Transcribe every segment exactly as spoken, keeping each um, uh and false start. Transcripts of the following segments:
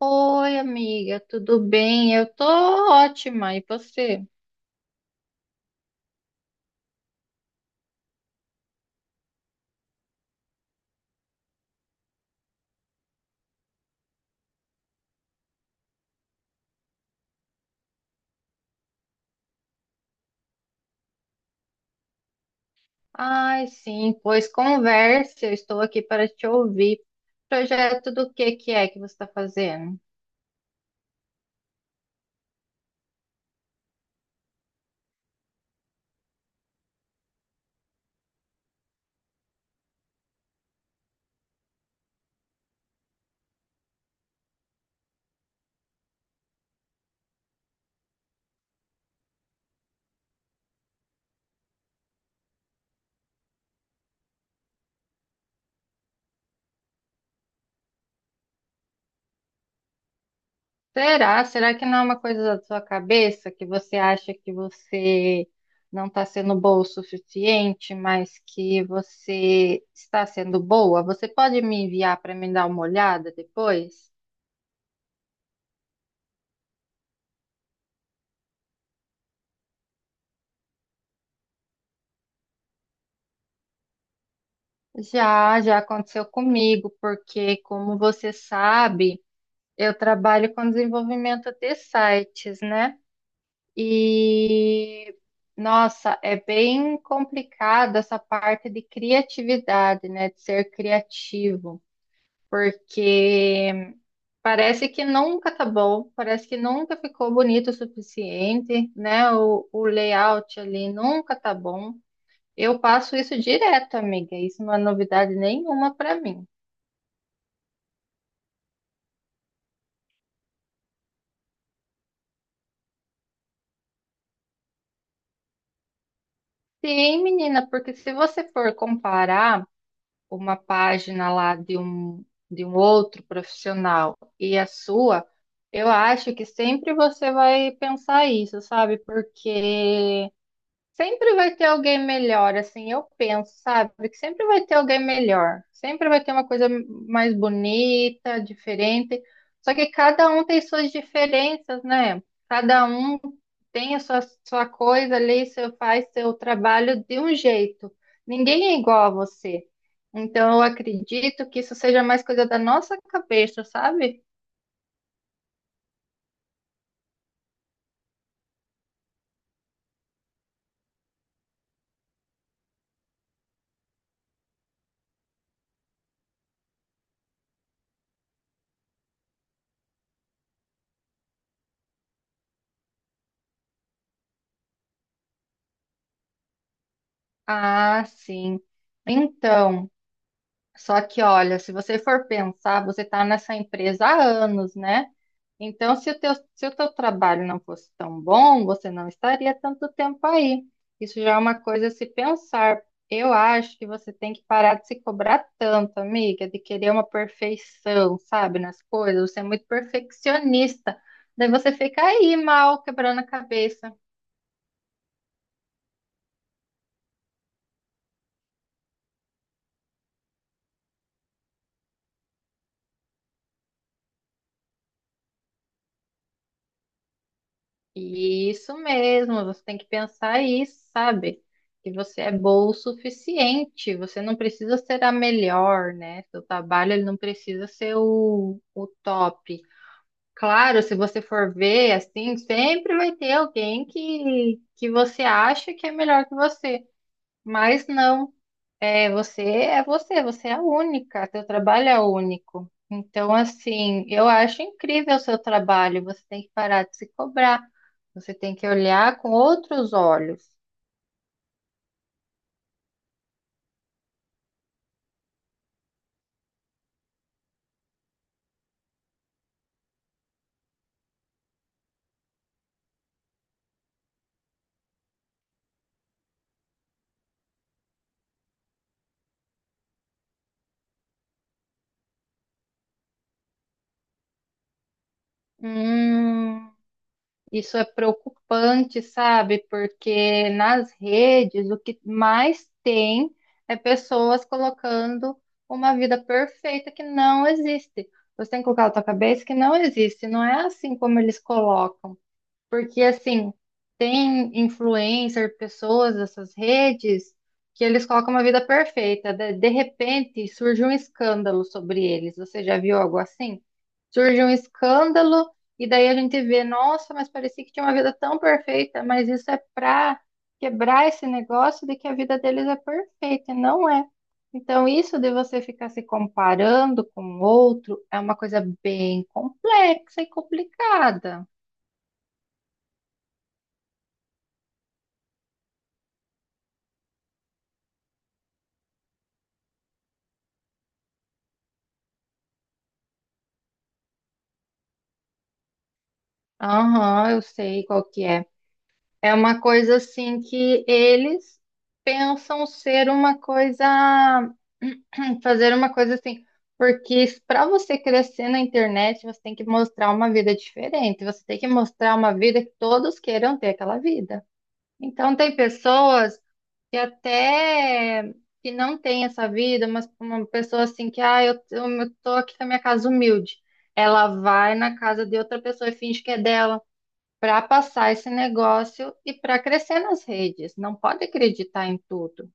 Oi, amiga, tudo bem? Eu tô ótima, e você? Ai, sim, pois converse, eu estou aqui para te ouvir. Projeto do que que é que você está fazendo? Será? Será que não é uma coisa da sua cabeça que você acha que você não está sendo boa o suficiente, mas que você está sendo boa? Você pode me enviar para me dar uma olhada depois? Já, já aconteceu comigo, porque como você sabe. Eu trabalho com desenvolvimento de sites, né? E nossa, é bem complicado essa parte de criatividade, né? De ser criativo, porque parece que nunca tá bom, parece que nunca ficou bonito o suficiente, né? O, o layout ali nunca tá bom. Eu passo isso direto, amiga. Isso não é novidade nenhuma para mim. Sim, menina, porque se você for comparar uma página lá de um, de um outro profissional e a sua, eu acho que sempre você vai pensar isso, sabe? Porque sempre vai ter alguém melhor, assim, eu penso, sabe? Que sempre vai ter alguém melhor. Sempre vai ter uma coisa mais bonita, diferente. Só que cada um tem suas diferenças, né? Cada um tem a sua, sua coisa ali, seu, faz seu trabalho de um jeito. Ninguém é igual a você. Então, eu acredito que isso seja mais coisa da nossa cabeça, sabe? Ah, sim. Então. Só que, olha, se você for pensar, você está nessa empresa há anos, né? Então, se o teu, se o teu trabalho não fosse tão bom, você não estaria tanto tempo aí. Isso já é uma coisa a se pensar. Eu acho que você tem que parar de se cobrar tanto, amiga, de querer uma perfeição, sabe, nas coisas. Você é muito perfeccionista. Daí você fica aí mal, quebrando a cabeça. Isso mesmo, você tem que pensar isso, sabe? Que você é bom o suficiente, você não precisa ser a melhor, né? Seu trabalho ele não precisa ser o, o top. Claro, se você for ver, assim, sempre vai ter alguém que, que você acha que é melhor que você, mas não. É, você é você, você é única, teu trabalho é único. Então, assim, eu acho incrível o seu trabalho, você tem que parar de se cobrar, você tem que olhar com outros olhos. Hum, isso é preocupante, sabe? Porque nas redes o que mais tem é pessoas colocando uma vida perfeita que não existe. Você tem que colocar na tua cabeça que não existe, não é assim como eles colocam. Porque, assim, tem influencer, pessoas dessas redes, que eles colocam uma vida perfeita. De, de repente, surge um escândalo sobre eles. Você já viu algo assim? Surge um escândalo, e daí a gente vê, nossa, mas parecia que tinha uma vida tão perfeita, mas isso é pra quebrar esse negócio de que a vida deles é perfeita, e não é. Então, isso de você ficar se comparando com o outro é uma coisa bem complexa e complicada. Aham, eu sei qual que é. É uma coisa assim que eles pensam ser uma coisa, fazer uma coisa assim, porque para você crescer na internet, você tem que mostrar uma vida diferente, você tem que mostrar uma vida que todos queiram ter aquela vida. Então tem pessoas que até que não têm essa vida, mas uma pessoa assim que, ah, eu, eu tô aqui com a minha casa humilde. Ela vai na casa de outra pessoa e finge que é dela para passar esse negócio e para crescer nas redes. Não pode acreditar em tudo.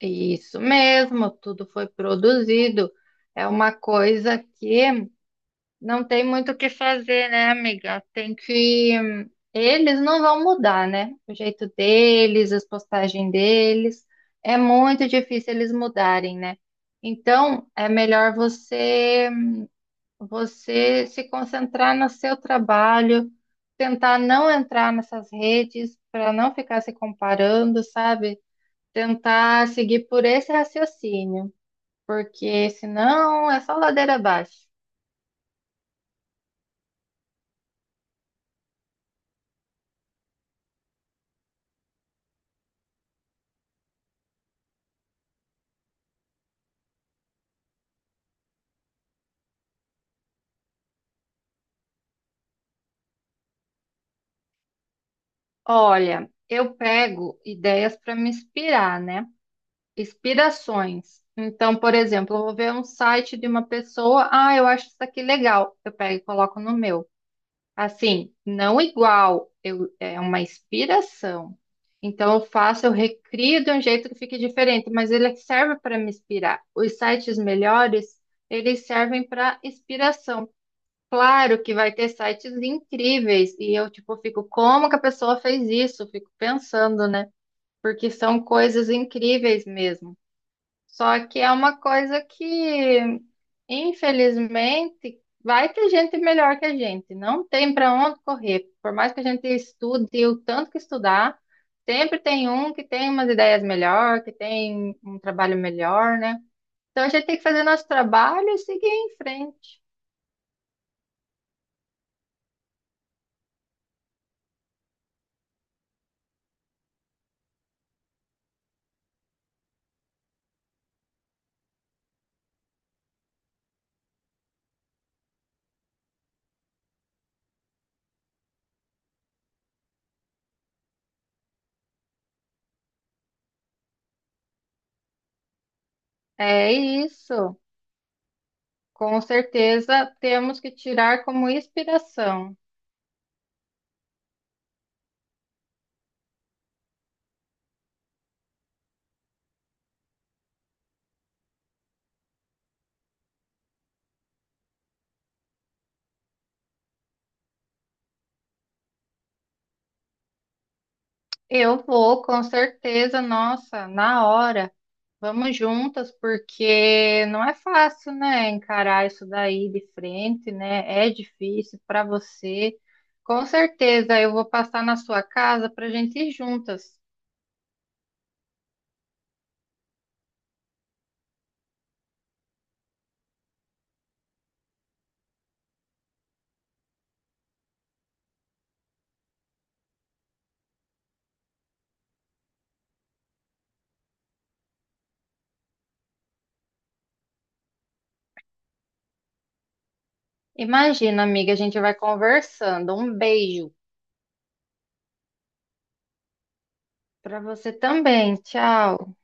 É isso mesmo, tudo foi produzido. É uma coisa que não tem muito o que fazer, né, amiga? Tem que. Eles não vão mudar, né? O jeito deles, as postagens deles. É muito difícil eles mudarem, né? Então, é melhor você você se concentrar no seu trabalho, tentar não entrar nessas redes para não ficar se comparando, sabe? Tentar seguir por esse raciocínio, porque senão é só ladeira abaixo. Olha, eu pego ideias para me inspirar, né? Inspirações. Então, por exemplo, eu vou ver um site de uma pessoa, ah, eu acho isso aqui legal, eu pego e coloco no meu. Assim, não igual, eu, é uma inspiração. Então, eu faço, eu recrio de um jeito que fique diferente, mas ele serve para me inspirar. Os sites melhores, eles servem para inspiração. Claro que vai ter sites incríveis, e eu, tipo, fico, como que a pessoa fez isso? Fico pensando, né? Porque são coisas incríveis mesmo. Só que é uma coisa que, infelizmente, vai ter gente melhor que a gente. Não tem para onde correr. Por mais que a gente estude o tanto que estudar, sempre tem um que tem umas ideias melhor, que tem um trabalho melhor, né? Então a gente tem que fazer nosso trabalho e seguir em frente. É isso. Com certeza temos que tirar como inspiração. Eu vou, com certeza, nossa, na hora. Vamos juntas, porque não é fácil, né, encarar isso daí de frente, né? É difícil para você. Com certeza, eu vou passar na sua casa para a gente ir juntas. Imagina, amiga, a gente vai conversando. Um beijo para você também. Tchau.